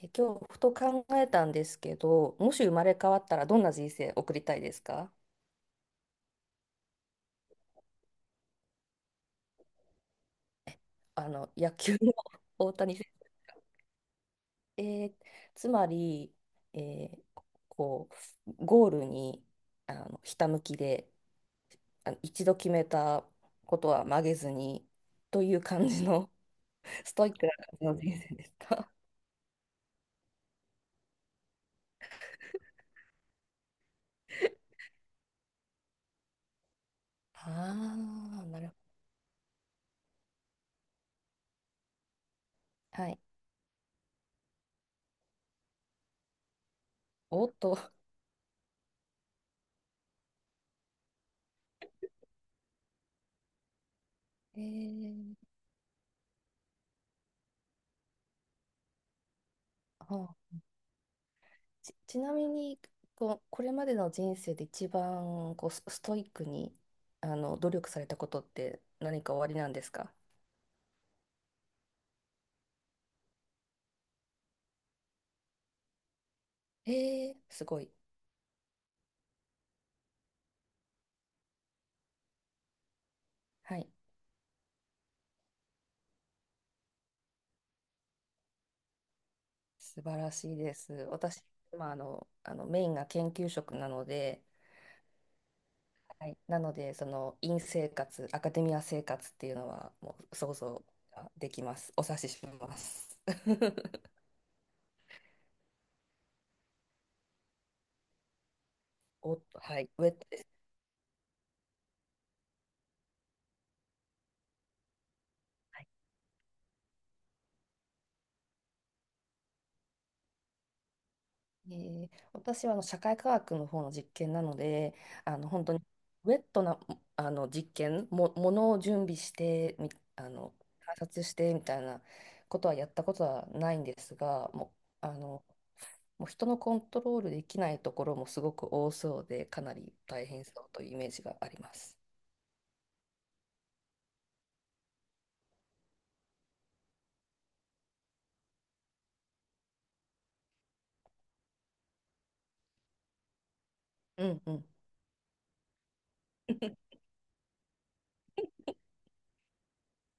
今日ふと考えたんですけど、もし生まれ変わったらどんな人生送りたいですか？あの野球の 大谷選手。つまり、えーこうゴールに、あのひたむきで、あの一度決めたことは曲げずに、という感じの ストイックな感じの人生ですか？ああー、なるほど。はい。おっと。えー、はあ。ちなみに、こう、これまでの人生で一番こうストイックにあの努力されたことって何かおありなんですか？ええ、すごい。はい。素晴らしいです。私、まあ、あのメインが研究職なので、はい。なので、その院生活、アカデミア生活っていうのはもう想像ができます。お察しします。お、はい、ウェットです。え私はあの社会科学の方の実験なので、あの本当にウェットな実験も、ものを準備してみ、あの観察してみたいなことはやったことはないんですが、もう、あのもう人のコントロールできないところもすごく多そうで、かなり大変そうというイメージがあります。うんうん。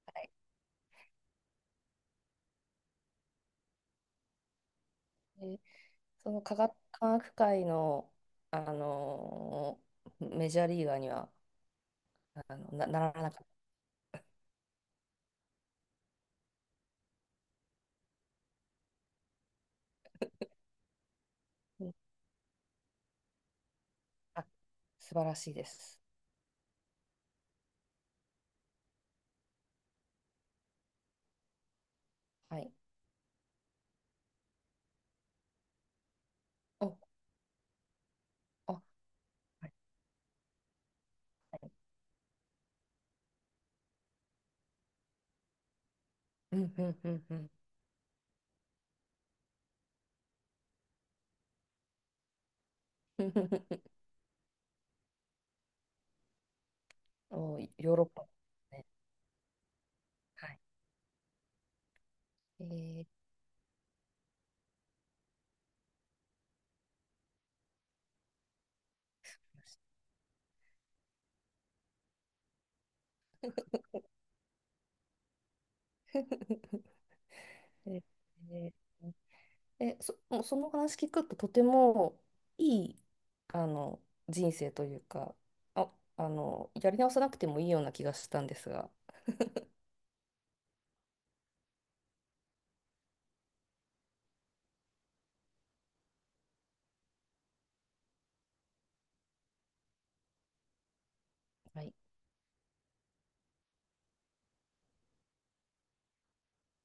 はい。で、その科学、科学界のあのメジャーリーガーにはならなかった。素晴らしいです。はい。お、あ、はい。はい。うんうんうんうん。お、ヨーロッパですね。はい。えー、えーえもうその話聞くととてもいい、あの、人生というか、あ、あの、やり直さなくてもいいような気がしたんですが。はい。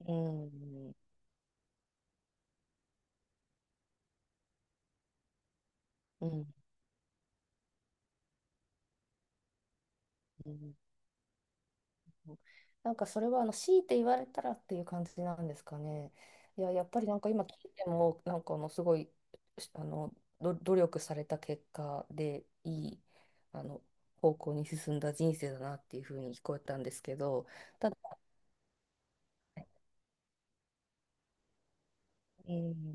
うん、うん、うん。なんかそれはあの強いて言われたらっていう感じなんですかね？いや、やっぱりなんか今聞いても、なんかあのすごいしあの努力された結果でいいあの方向に進んだ人生だなっていうふうに聞こえたんですけど、ただ、うん。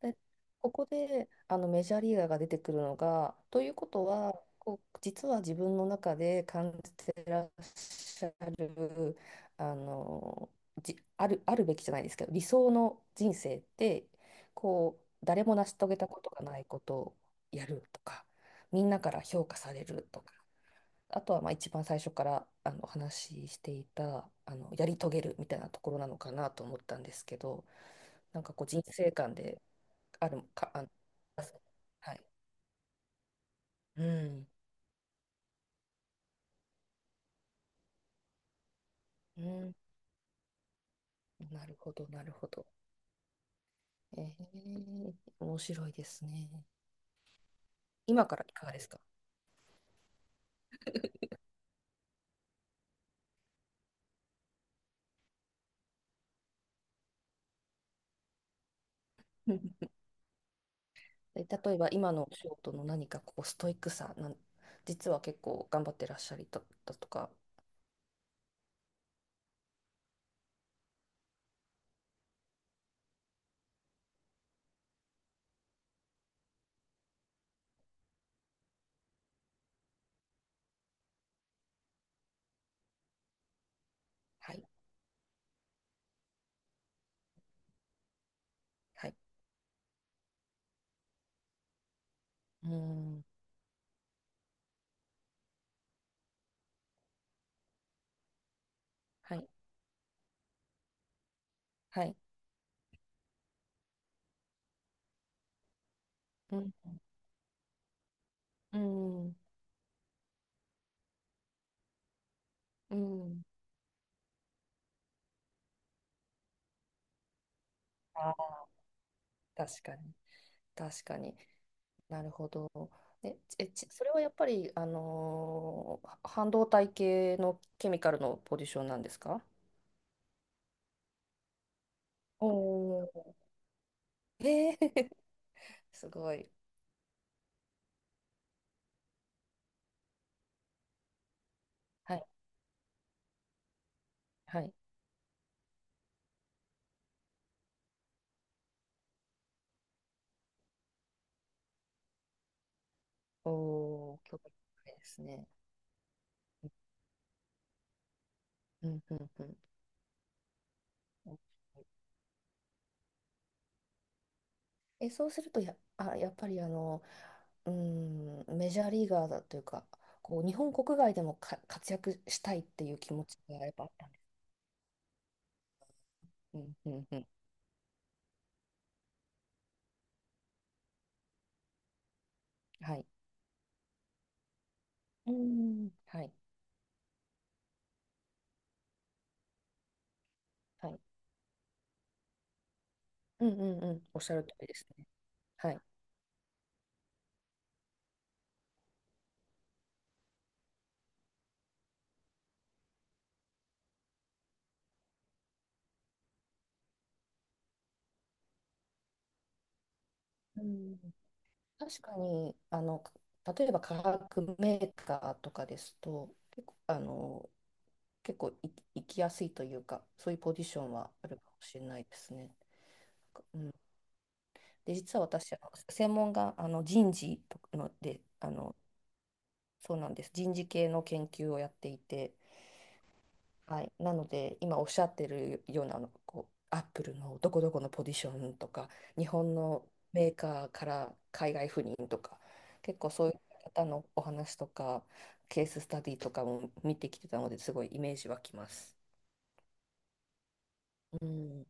で、ここであのメジャーリーガーが出てくるのが、ということは、こう実は自分の中で感じてらっしゃる、あの、じ、ある、あるべきじゃないですけど、理想の人生って、こう、誰も成し遂げたことがないことをやるとか、みんなから評価されるとか。あとはまあ一番最初からあのお話ししていたあのやり遂げるみたいなところなのかなと思ったんですけど、なんかこう人生観であるか、あの、はい。うんうん。なるほどなるほど。えー、面白いですね。今からいかがですか？ え、例えば今のお仕事の何かこうストイックさなん、実は結構頑張ってらっしゃりだったとか。はい。はい。うん。はい。はい。うんうんうん。あー、確かに、確かに。なるほど。それはやっぱり、あのーは半導体系のケミカルのポジションなんですか？お、お、ー、すごい。はい、はい。おお、興味深いですね。うん、うん、うん。うん。え、そうするとや、あ、やっぱりあの、うーん、メジャーリーガーだというか、こう日本国外でもか活躍したいっていう気持ちがやっぱあったんです。うんうんうん。はい。うん、はい、はい。うんうんうん、おっしゃる通りですね。はい。うん、確かに、あの、例えば化学メーカーとかですと、結構、あの、結構い行きやすいというか、そういうポジションはあるかもしれないですね。うん。で、実は私、あの専門があの人事とかので、あの、そうなんです。人事系の研究をやっていて、はい、なので今おっしゃってるようなあのこうアップルのどこどこのポジションとか日本のメーカーから海外赴任とか結構そういう方のお話とかケーススタディとかも見てきてたのですごいイメージ湧きます。うん、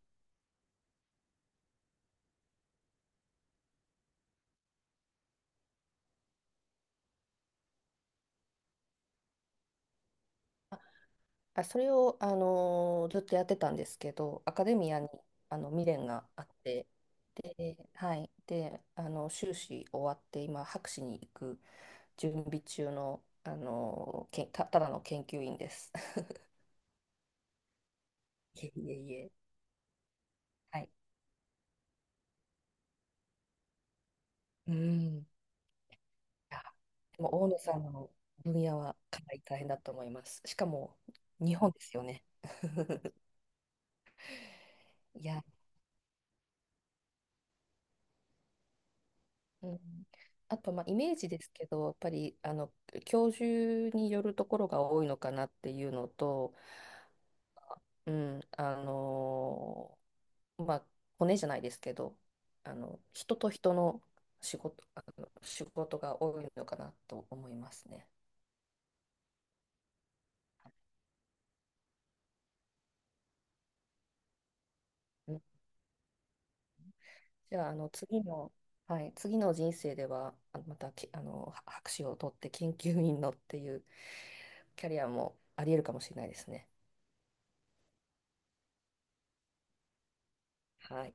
あ、それを、あのーずっとやってたんですけどアカデミアにあの未練があって、はい、で、あの修士終わって今博士に行く準備中の、あのけんた、ただの研究員です。いえいえいえ。はい。うん。いや、でも大野さんの分野はかなり大変だと思います。しかも日本ですよね。いや、うん、あとまあイメージですけど、やっぱりあの教授によるところが多いのかなっていうのと、うん、あの、まあ、骨じゃないですけど、あの、人と人の仕事、あの、仕事が多いのかなと思いますね。うん。じゃあ、あの、次の、はい、次の人生では、あのまたあの、博士を取って研究員のっていうキャリアもあり得るかもしれないですね。はい。